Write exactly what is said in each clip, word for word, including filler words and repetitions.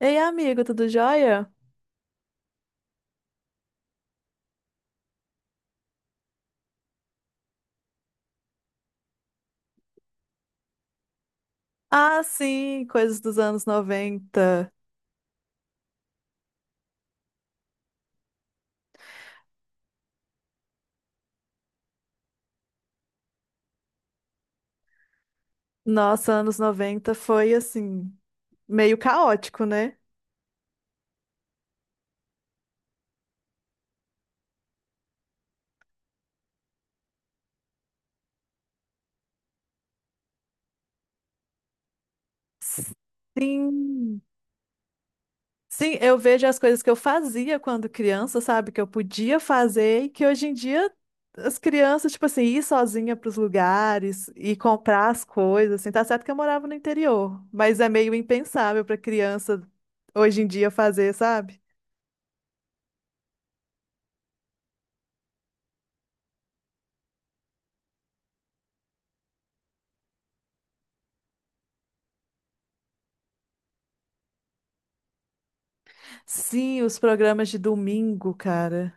Ei, amigo, tudo jóia? Ah, sim, coisas dos anos noventa. Nossa, anos noventa foi assim, meio caótico, né? Sim. Sim, eu vejo as coisas que eu fazia quando criança, sabe? Que eu podia fazer e que hoje em dia as crianças, tipo assim, ir sozinha para os lugares e comprar as coisas, assim, tá certo que eu morava no interior, mas é meio impensável para criança hoje em dia fazer, sabe? Sim, os programas de domingo, cara.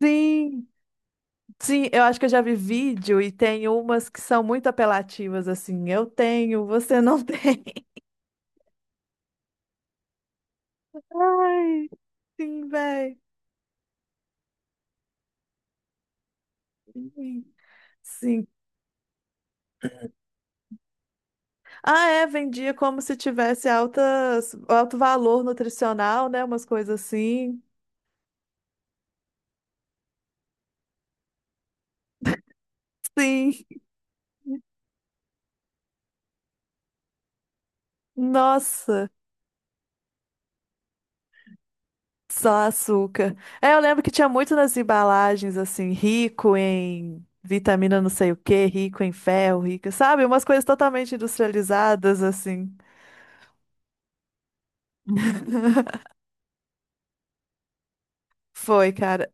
Sim, sim, eu acho que eu já vi vídeo e tem umas que são muito apelativas, assim, eu tenho, você não tem. Ai, sim, velho. Sim. Ah, é, vendia como se tivesse altas, alto valor nutricional, né? Umas coisas assim. Sim. Nossa, só açúcar. É, eu lembro que tinha muito nas embalagens, assim, rico em vitamina não sei o quê, rico em ferro, rico, sabe? Umas coisas totalmente industrializadas, assim. Foi, cara.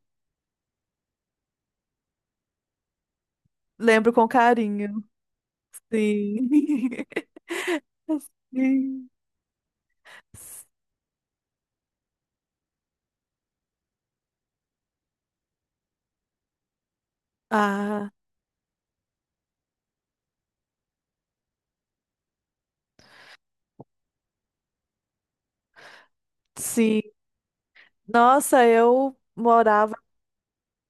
Lembro com carinho. Sim. Sim. Ah, sim. Nossa, eu morava.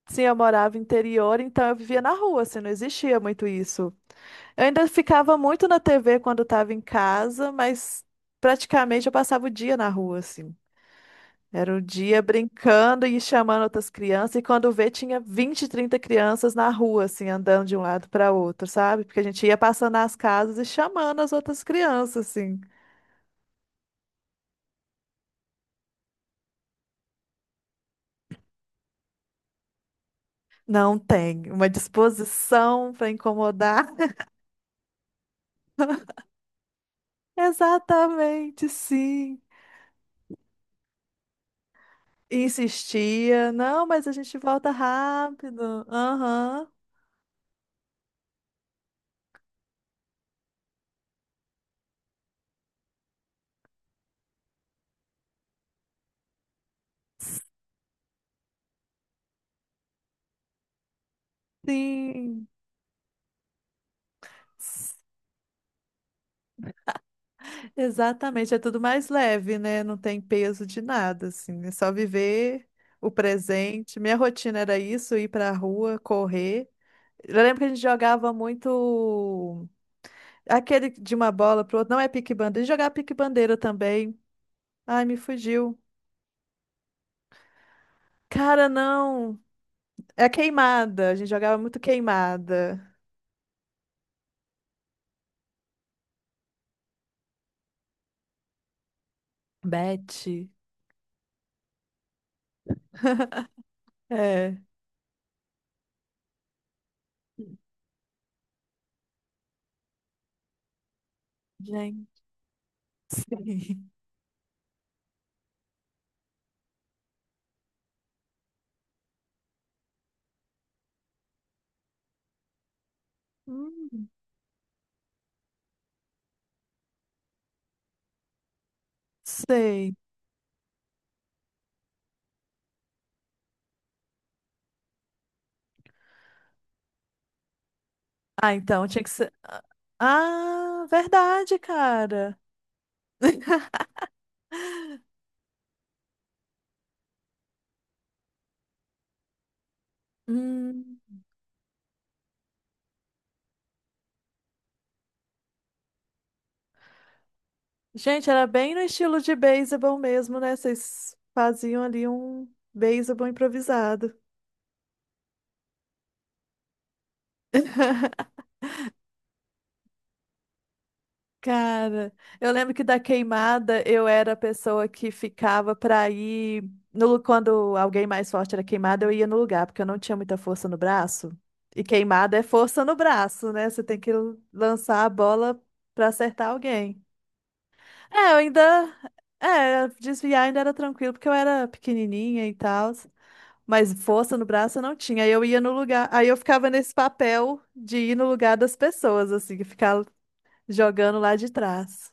Sim, eu morava interior, então eu vivia na rua, assim, não existia muito isso. Eu ainda ficava muito na T V quando estava em casa, mas praticamente eu passava o dia na rua, assim. Era o dia brincando e chamando outras crianças, e quando vê, tinha vinte trinta crianças na rua, assim, andando de um lado para outro, sabe? Porque a gente ia passando nas casas e chamando as outras crianças, assim. Não tem uma disposição para incomodar. Exatamente, sim. E insistia, não, mas a gente volta rápido. Aham, sim. Exatamente, é tudo mais leve, né? Não tem peso de nada, assim. É só viver o presente. Minha rotina era isso, ir pra rua, correr. Eu lembro que a gente jogava muito aquele de uma bola pro outro, não é pique-bandeira, a gente jogava pique-bandeira também. Ai, me fugiu. Cara, não. É queimada, a gente jogava muito queimada. Bet. É, gente. Sim. Hum. Sei. Ah, então tinha que ser. Ah, verdade, cara. Hum. Gente, era bem no estilo de beisebol mesmo, né? Vocês faziam ali um beisebol improvisado. Cara, eu lembro que da queimada eu era a pessoa que ficava pra ir no, lu- quando alguém mais forte era queimada, eu ia no lugar, porque eu não tinha muita força no braço. E queimada é força no braço, né? Você tem que lançar a bola pra acertar alguém. É, eu ainda. É, desviar ainda era tranquilo, porque eu era pequenininha e tal. Mas força no braço eu não tinha. Aí eu ia no lugar. Aí eu ficava nesse papel de ir no lugar das pessoas, assim, ficar jogando lá de trás.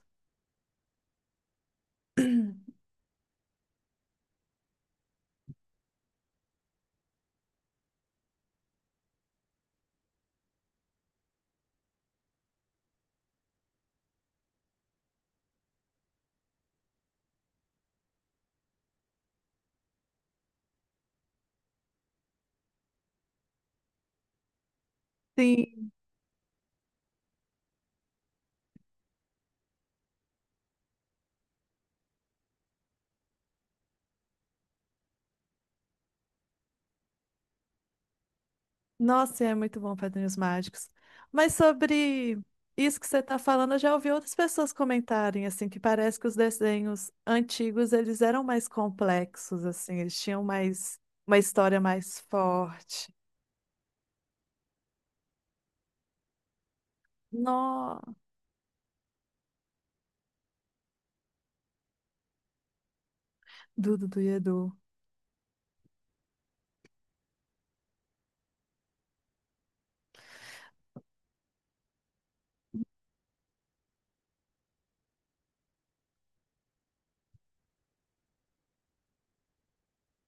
Sim. Nossa, é muito bom Padrinhos Mágicos. Mas sobre isso que você está falando, eu já ouvi outras pessoas comentarem, assim, que parece que os desenhos antigos, eles eram mais complexos, assim, eles tinham mais. Uma história mais forte. Nossa. Do Dudu e Edu.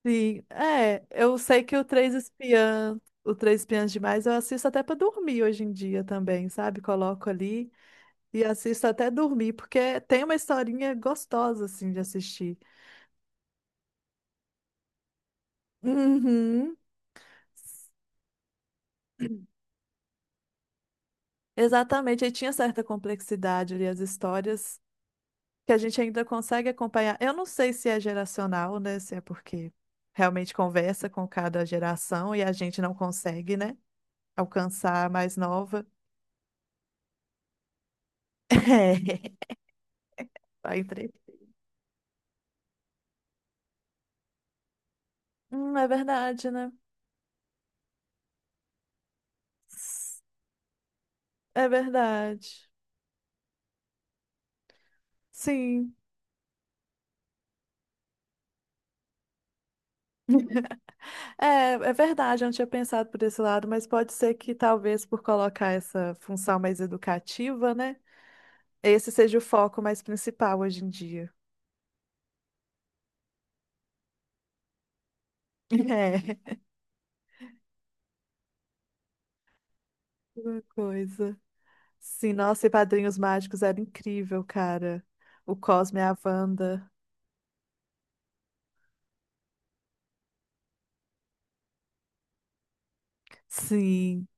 Sim, é, eu sei que o Três Espiãs, o Três Espiãs Demais, eu assisto até pra dormir hoje em dia também, sabe? Coloco ali e assisto até dormir, porque tem uma historinha gostosa, assim, de assistir. Uhum. Exatamente, aí tinha certa complexidade ali as histórias que a gente ainda consegue acompanhar. Eu não sei se é geracional, né? Se é porque realmente conversa com cada geração e a gente não consegue, né? Alcançar a mais nova. Aí entrei. Hum, é verdade, né? É verdade. Sim. É, é verdade, eu não tinha pensado por esse lado, mas pode ser que talvez por colocar essa função mais educativa, né? Esse seja o foco mais principal hoje em dia. É, uma coisa. Sim, nossa, e Padrinhos Mágicos era incrível, cara. O Cosme e a Wanda. Sim.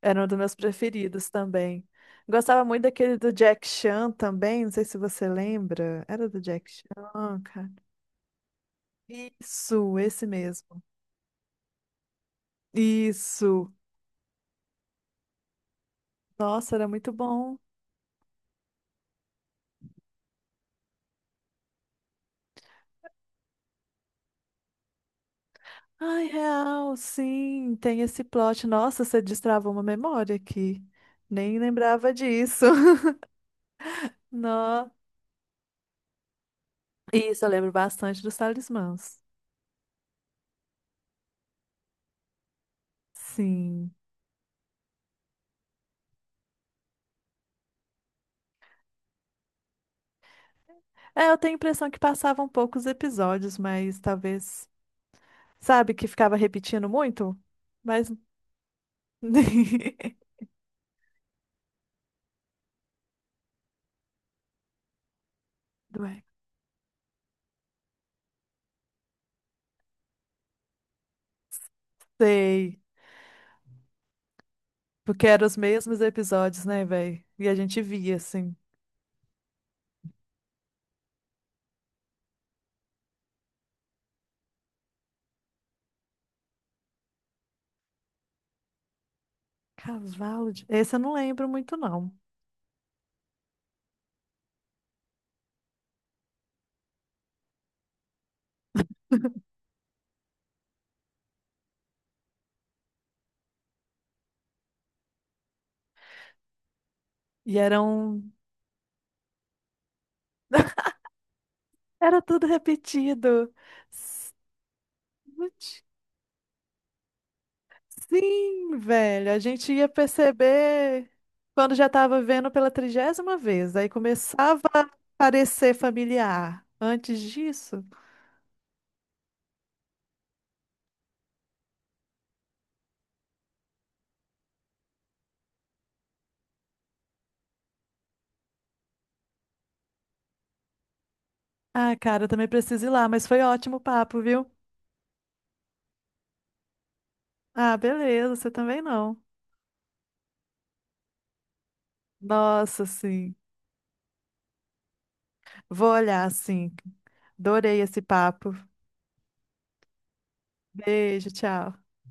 Era um dos meus preferidos também. Gostava muito daquele do Jack Chan também, não sei se você lembra. Era do Jack Chan, cara. Isso, esse mesmo. Isso. Nossa, era muito bom. Ai, real, sim, tem esse plot. Nossa, você destravou uma memória aqui. Nem lembrava disso. Nó. Isso, eu lembro bastante dos talismãs. Sim. É, eu tenho a impressão que passavam poucos episódios, mas talvez. Sabe que ficava repetindo muito? Mas. Ué. Sei. Porque eram os mesmos episódios, né, velho? E a gente via, assim. Cavalo de. Esse eu não lembro muito, não. E eram. Era tudo repetido. S- Putz, sim, velho. A gente ia perceber quando já estava vendo pela trigésima vez. Aí começava a parecer familiar. Antes disso. Ah, cara, eu também preciso ir lá, mas foi ótimo o papo, viu? Ah, beleza, você também não. Nossa, sim. Vou olhar, sim. Adorei esse papo. Beijo, tchau.